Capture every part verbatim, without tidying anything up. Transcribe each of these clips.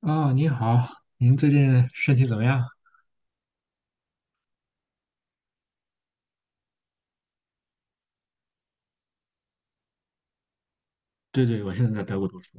啊，您好，您最近身体怎么样？对对，我现在在德国读书。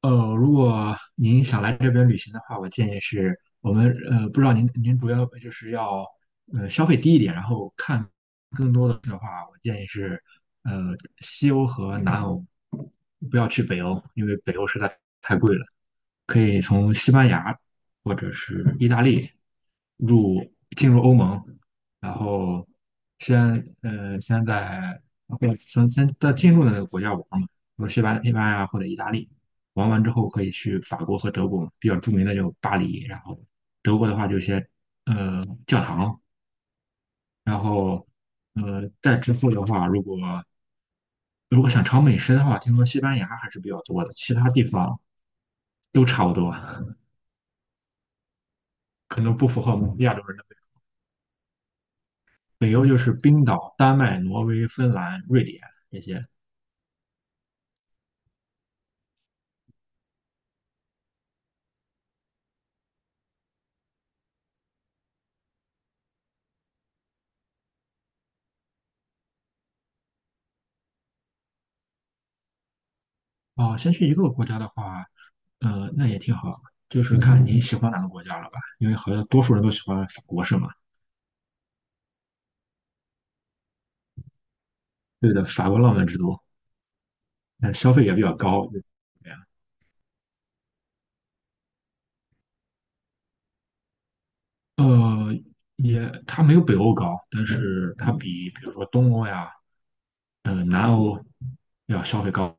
呃，如果您想来这边旅行的话，我建议是我们呃，不知道您您主要就是要呃消费低一点，然后看更多的的话，我建议是呃西欧和南欧，不要去北欧，因为北欧实在太贵了。可以从西班牙或者是意大利入进入欧盟，然后先呃先在或者先先在进入的那个国家玩嘛，比如西班西班牙或者意大利，玩完之后可以去法国和德国，比较著名的就巴黎，然后德国的话就一些呃教堂，然后呃再之后的话，如果如果想尝美食的话，听说西班牙还是比较多的，其他地方都差不多，可能不符合我们亚洲人的。北欧就是冰岛、丹麦、挪威、芬兰、瑞典这些。哦，先去一个国家的话，呃，那也挺好，就是看你喜欢哪个国家了吧，因为好像多数人都喜欢法国是吗？对的，法国浪漫之都，但消费也比较高，怎这样。呃，也它没有北欧高，但是它比比如说东欧呀，呃，南欧要消费高，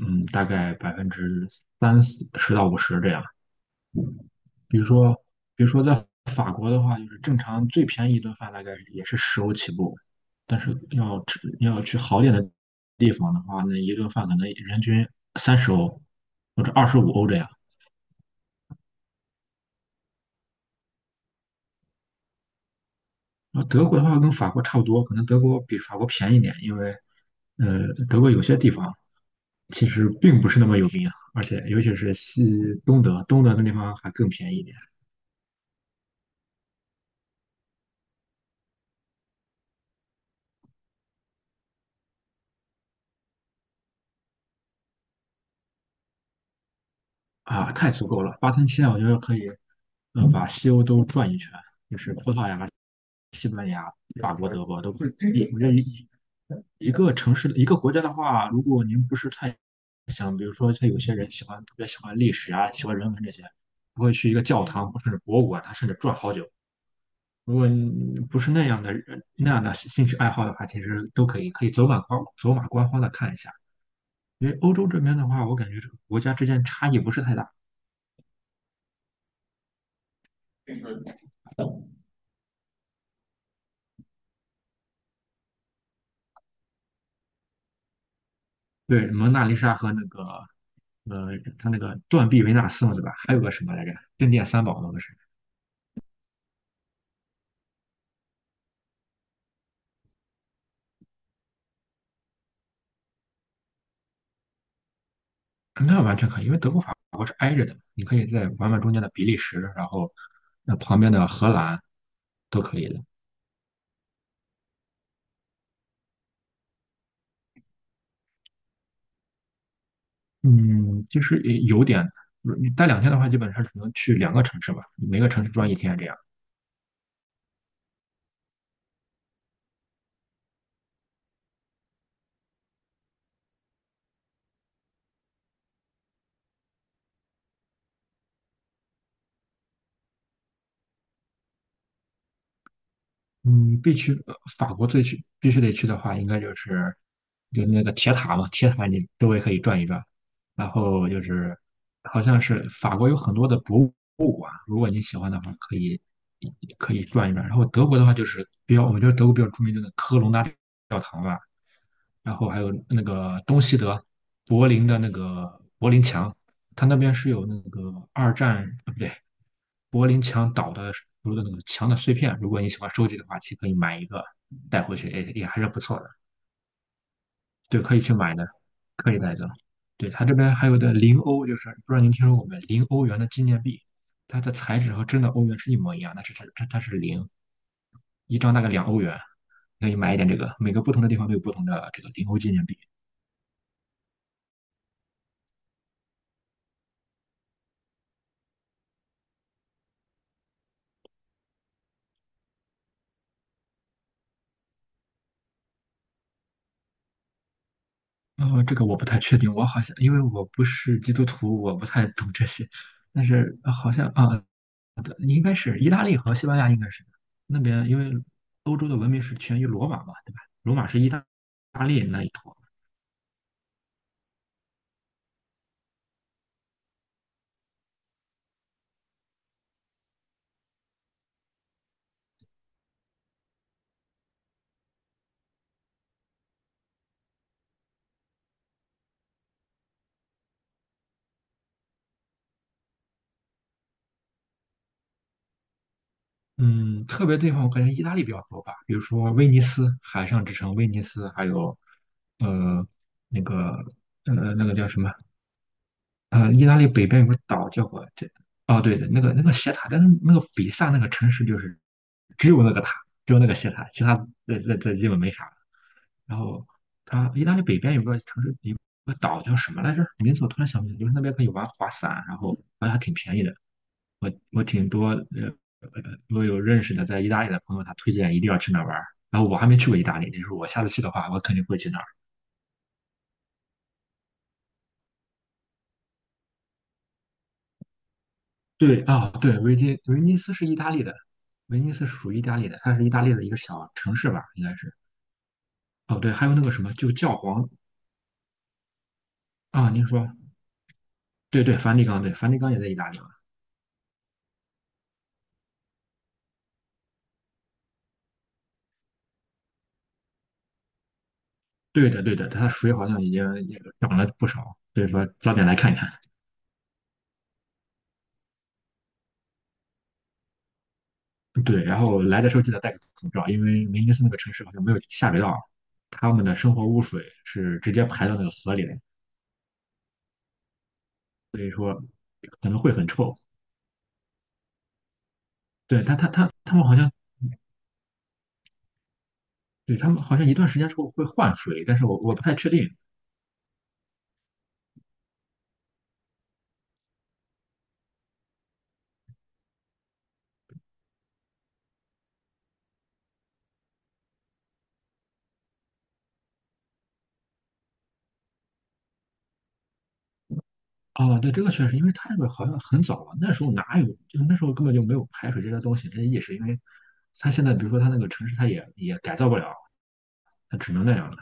嗯，大概百分之三四十到五十这样。比如说，比如说在法国的话，就是正常最便宜一顿饭大概也是十欧起步，但是要吃要去好点的地方的话，那一顿饭可能人均三十欧或者二十五欧这样。那德国的话跟法国差不多，可能德国比法国便宜点，因为呃，德国有些地方其实并不是那么有名啊，而且尤其是西东德，东德那地方还更便宜一点。啊，太足够了，八天七夜我觉得可以，嗯，把西欧都转一圈，就是葡萄牙、西班牙、法国、德国都可以。我觉得一一个城市、一个国家的话，如果您不是太想，比如说像有些人喜欢特别喜欢历史啊，喜欢人文这些，不会去一个教堂或甚至博物馆，他甚至转好久。如果你不是那样的人，那样的兴趣爱好的话，其实都可以，可以走马观走马观花的看一下。因为欧洲这边的话，我感觉这个国家之间差异不是太大，对，蒙娜丽莎和那个呃，他那个断臂维纳斯嘛，对吧？还有个什么来着？镇店三宝嘛，不是？那完全可以，因为德国、法国是挨着的，你可以在玩玩中间的比利时，然后那旁边的荷兰都可以的。嗯，就是有点，你待两天的话，基本上只能去两个城市吧，每个城市转一天这样。嗯，必须呃法国最去必须得去的话，应该就是就是那个铁塔嘛，铁塔你周围可以转一转，然后就是好像是法国有很多的博物馆，如果你喜欢的话，可以可以转一转。然后德国的话就是比较，我们觉得德国比较著名的那个科隆大教堂吧，然后还有那个东西德柏林的那个柏林墙，它那边是有那个二战啊，不对，柏林墙倒的时候的那个墙的碎片。如果你喜欢收集的话，其实可以买一个带回去，也也还是不错的。对，可以去买的，可以带走。对，它这边还有的零欧，就是不知道您听说过没？零欧元的纪念币，它的材质和真的欧元是一模一样，但是它它它是零，一张大概两欧元。可以买一点这个，每个不同的地方都有不同的这个零欧纪念币。哦，这个我不太确定，我好像因为我不是基督徒，我不太懂这些。但是呃好像啊，对应该是意大利和西班牙应该是那边，因为欧洲的文明是起源于罗马嘛，对吧？罗马是意大大利那一坨。嗯，特别地方我感觉意大利比较多吧，比如说威尼斯海上之城威尼斯，还有呃那个呃那个叫什么呃，意大利北边有个岛叫我这，哦，对的，那个那个斜塔，但是那个比萨那个城市就是只有那个塔，只有那个斜塔，其他这这这基本没啥了。然后它意大利北边有个城市，有个岛叫什么来着？名字我突然想不起来，就是那边可以玩滑伞，然后好像还挺便宜的。我我挺多呃呃，我有认识的在意大利的朋友，他推荐一定要去那玩儿。然后我还没去过意大利，就是我下次去的话，我肯定会去。那。对啊，对，维尼威尼斯是意大利的，威尼斯是属于意大利的，它是意大利的一个小城市吧，应该是。哦，对，还有那个什么，就教皇啊，您说，对对，梵蒂冈，对，梵蒂冈也在意大利嘛。对的，对的，它水好像已经也涨了不少，所以说早点来看一看。对，然后来的时候记得戴个口罩，因为威尼斯那个城市好像没有下水道，他们的生活污水是直接排到那个河里的，所以说可能会很臭。对，他他他他们好像。对，他们好像一段时间之后会换水，但是我我不太确定。啊，对，这个确实，因为他那个好像很早了，那时候哪有，就那时候根本就没有排水这些东西，这些意识，因为他现在比如说他那个城市，他也也改造不了，他只能那样了。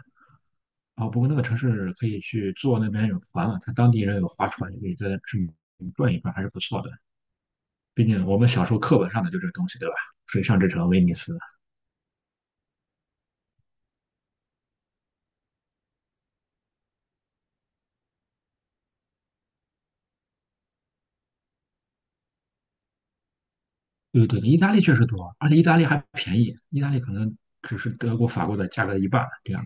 啊，不过那个城市可以去坐那边有船嘛，他当地人有划船，可以在这里转一转，还是不错的。毕竟我们小时候课本上的就这个东西，对吧？水上之城威尼斯，对对对，意大利确实多，而且意大利还便宜，意大利可能只是德国、法国的价格的一半，这样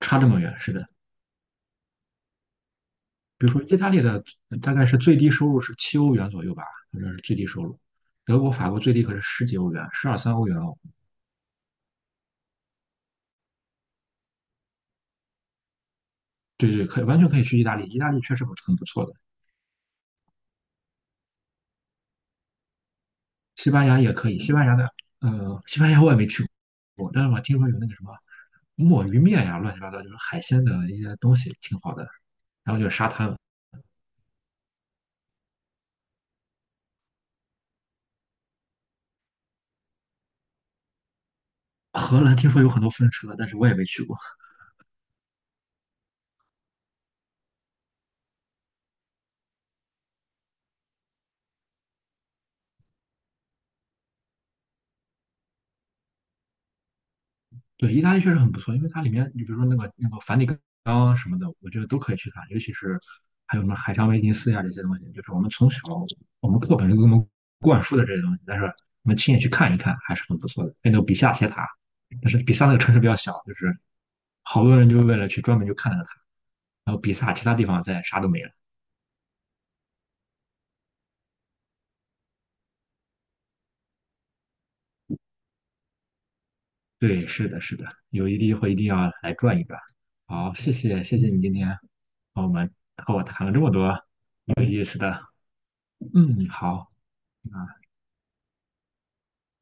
差这么远，是的。比如说意大利的大概是最低收入是七欧元左右吧，反正是最低收入。德国、法国最低可是十几欧元，十二三欧元哦。对对，可以完全可以去意大利，意大利确实很不错的。西班牙也可以，西班牙的呃，西班牙我也没去过，但是我听说有那个什么墨鱼面呀，乱七八糟就是海鲜的一些东西，挺好的。然后就是沙滩，荷兰听说有很多风车，但是我也没去过。对，意大利确实很不错，因为它里面，你比如说那个那个梵蒂冈什么的，我觉得都可以去看，尤其是还有什么海上威尼斯呀这些东西，就是我们从小我们课本就给我们灌输的这些东西，但是我们亲眼去看一看还是很不错的。哎那个比萨斜塔，但是比萨那个城市比较小，就是好多人就是为了去专门就看那个塔，然后比萨其他地方再啥都没了。对，是的，是的，有一地会一定要来转一转。好，谢谢，谢谢你今天和我们和我谈了这么多有意思的。嗯，好，那